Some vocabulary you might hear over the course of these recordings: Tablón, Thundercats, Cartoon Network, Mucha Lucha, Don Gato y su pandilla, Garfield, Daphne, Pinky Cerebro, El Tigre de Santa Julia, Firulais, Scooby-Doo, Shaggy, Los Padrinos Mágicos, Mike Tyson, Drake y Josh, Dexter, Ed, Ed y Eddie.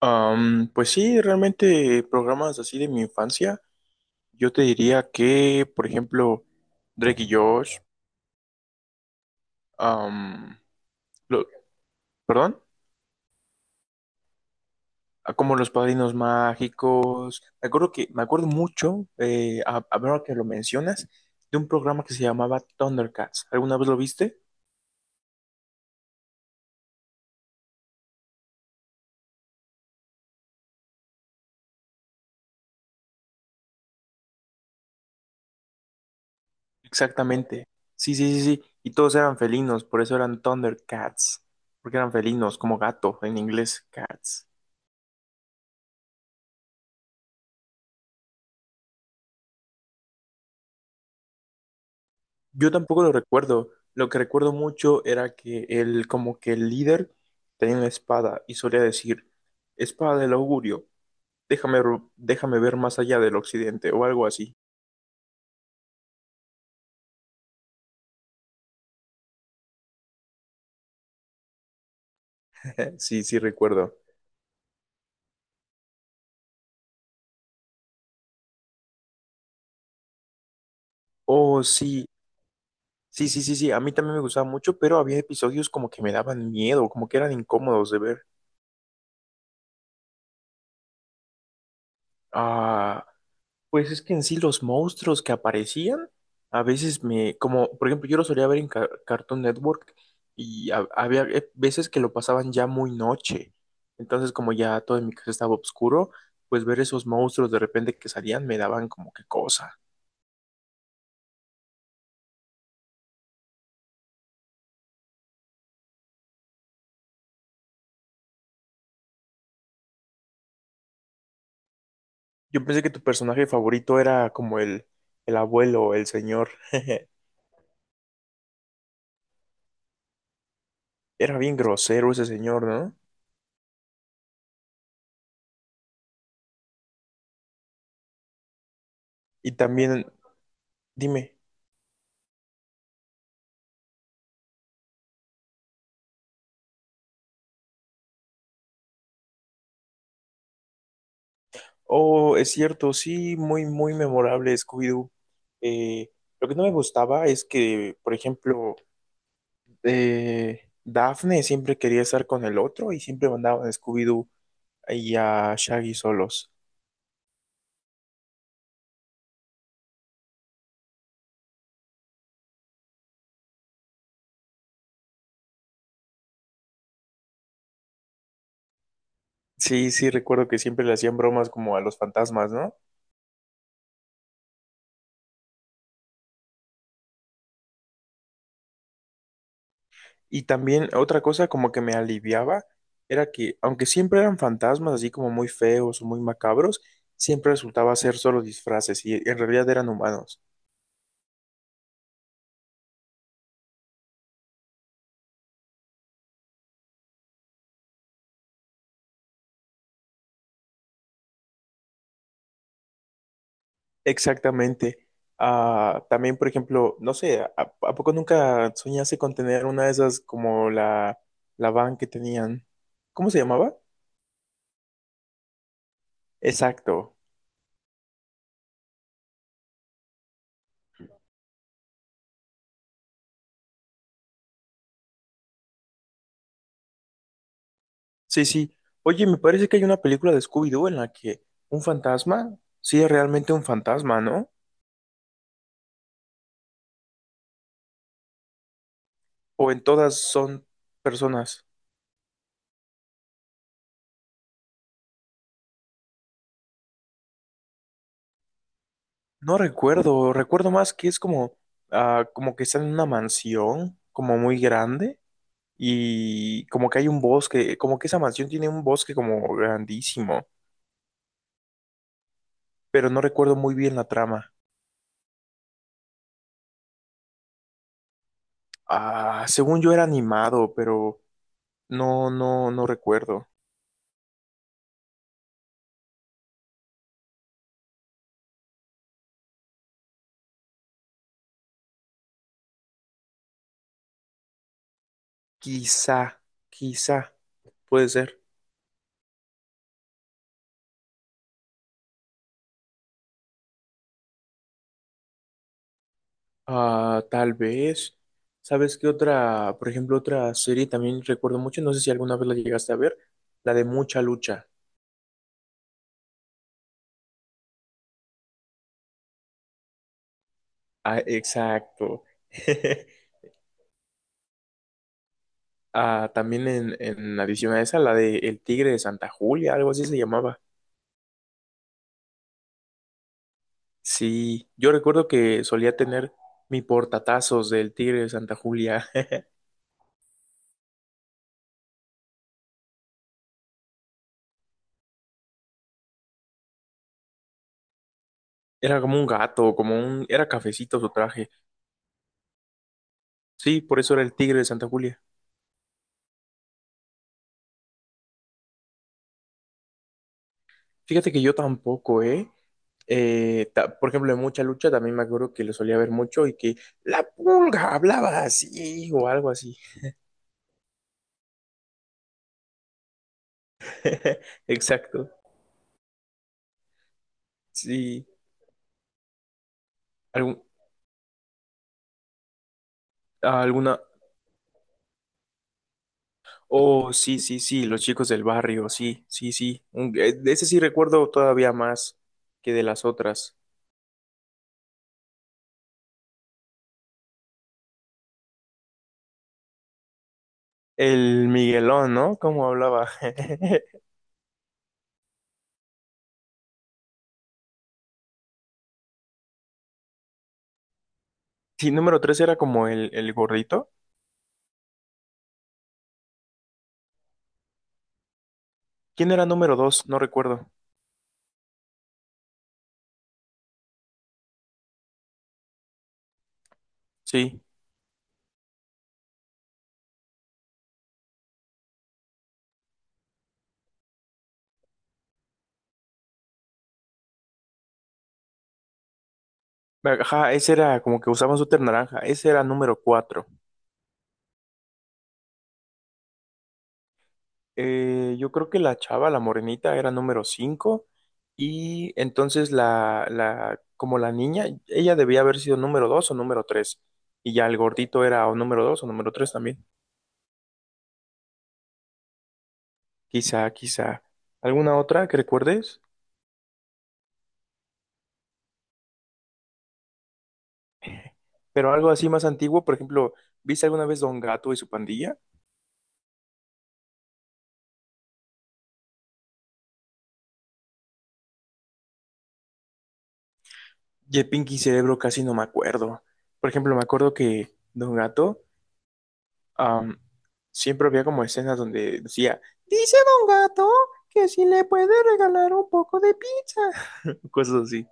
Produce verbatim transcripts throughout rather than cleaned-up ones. Am, pues sí, realmente programas así de mi infancia, yo te diría que, por ejemplo, Drake y Josh, am, lo- perdón, ah, como Los Padrinos Mágicos, me acuerdo que, me acuerdo mucho, eh, a- ahora que lo mencionas, de un programa que se llamaba Thundercats, ¿alguna vez lo viste? Exactamente, sí, sí, sí, sí, y todos eran felinos, por eso eran Thundercats, porque eran felinos, como gato en inglés, cats. Yo tampoco lo recuerdo. Lo que recuerdo mucho era que él, como que el líder, tenía una espada y solía decir, espada del augurio, déjame, ro- déjame ver más allá del occidente o algo así. Sí, sí, recuerdo. Oh, sí, sí, sí, sí, sí, a mí también me gustaba mucho, pero había episodios como que me daban miedo, como que eran incómodos de ver. Ah, pues es que en sí los monstruos que aparecían, a veces me, como por ejemplo yo lo solía ver en Ca- Cartoon Network y ha- había eh, veces que lo pasaban ya muy noche, entonces como ya todo en mi casa estaba oscuro, pues ver esos monstruos de repente que salían me daban como que cosa. Yo pensé que tu personaje favorito era como el, el abuelo, el señor, era bien grosero ese señor, ¿no? Y también, dime. Oh, es cierto, sí, muy, muy memorable Scooby-Doo. Eh, lo que no me gustaba es que, por ejemplo, eh, Daphne siempre quería estar con el otro y siempre mandaban a Scooby-Doo y a Shaggy solos. Sí, sí, recuerdo que siempre le hacían bromas como a los fantasmas, ¿no? Y también otra cosa como que me aliviaba era que, aunque siempre eran fantasmas así como muy feos o muy macabros, siempre resultaba ser solo disfraces y en realidad eran humanos. Exactamente. Ah, también, por ejemplo, no sé, ¿a, a poco nunca soñaste con tener una de esas como la, la van que tenían? ¿Cómo se llamaba? Exacto. Sí, sí. Oye, me parece que hay una película de Scooby-Doo en la que un fantasma sí es realmente un fantasma, ¿no? O en todas son personas. No recuerdo, recuerdo más que es como, ah, como que están en una mansión, como muy grande. Y como que hay un bosque, como que esa mansión tiene un bosque como grandísimo, pero no recuerdo muy bien la trama. Ah, según yo era animado, pero no, no, no recuerdo. Quizá, quizá, puede ser. Ah, tal vez. ¿Sabes qué otra, por ejemplo, otra serie también recuerdo mucho? No sé si alguna vez la llegaste a ver, la de Mucha Lucha. Ah, exacto. Ah, también en, en adición a esa, la de El Tigre de Santa Julia, algo así se llamaba. Sí, yo recuerdo que solía tener mi portatazos del Tigre de Santa Julia. Era como un gato, como un... Era cafecito su traje. Sí, por eso era el Tigre de Santa Julia. Fíjate que yo tampoco, ¿eh? Eh, ta- por ejemplo, en mucha lucha también me acuerdo que lo solía ver mucho y que la pulga hablaba así o algo así. Exacto. Sí. Algún- alguna... Oh, sí, sí, sí, los chicos del barrio, sí, sí, sí. Un- eh, de ese sí recuerdo todavía más que de las otras. El Miguelón, ¿no? ¿Cómo hablaba? Sí, número tres era como el, el gordito. ¿Quién era número dos? No recuerdo. Sí. Ajá, ese era como que usaban su naranja. Ese era número cuatro. Eh, yo creo que la chava, la morenita, era número cinco. Y entonces la, la, como la niña, ella debía haber sido número dos o número tres. Y ya el gordito era o número dos o número tres también. Quizá, quizá. ¿Alguna otra que recuerdes? Pero algo así más antiguo, por ejemplo, ¿viste alguna vez Don Gato y su pandilla? Y el Pinky Cerebro casi no me acuerdo. Por ejemplo, me acuerdo que Don Gato am, siempre había como escenas donde decía, dice Don Gato que si le puede regalar un poco de pizza. Cosas así.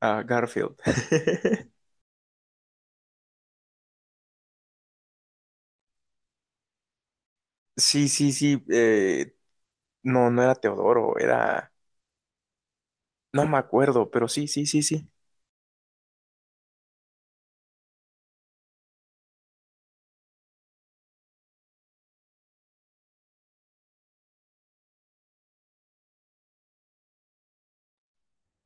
¿A Garfield? Sí, sí, sí. Eh, no, no era Teodoro, era... No me acuerdo, pero sí, sí, sí, sí.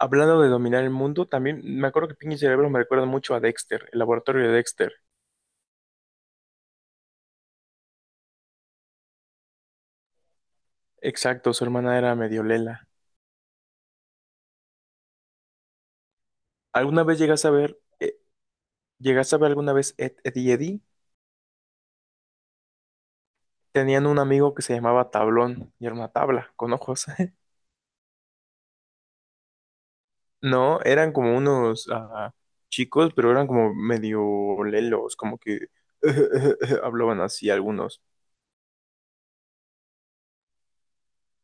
Hablando de dominar el mundo, también me acuerdo que Pinky Cerebro me recuerda mucho a Dexter, el laboratorio de Dexter. Exacto, su hermana era medio lela. ¿Alguna vez llegaste a ver, eh, llegaste a ver alguna vez Ed, Ed y Eddie? Tenían un amigo que se llamaba Tablón y era una tabla con ojos. No, eran como unos ah, chicos, pero eran como medio lelos, como que hablaban así algunos.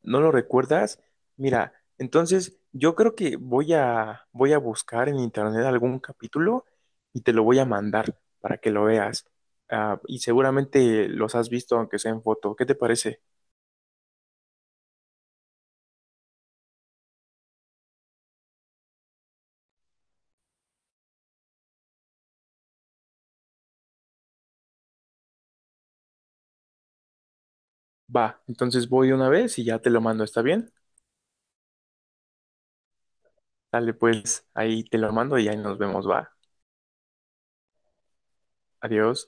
¿No lo recuerdas? Mira, entonces yo creo que voy a voy a buscar en internet algún capítulo y te lo voy a mandar para que lo veas. Ah, y seguramente los has visto aunque sea en foto. ¿Qué te parece? Va, entonces voy una vez y ya te lo mando, ¿está bien? Dale, pues ahí te lo mando y ahí nos vemos, va. Adiós.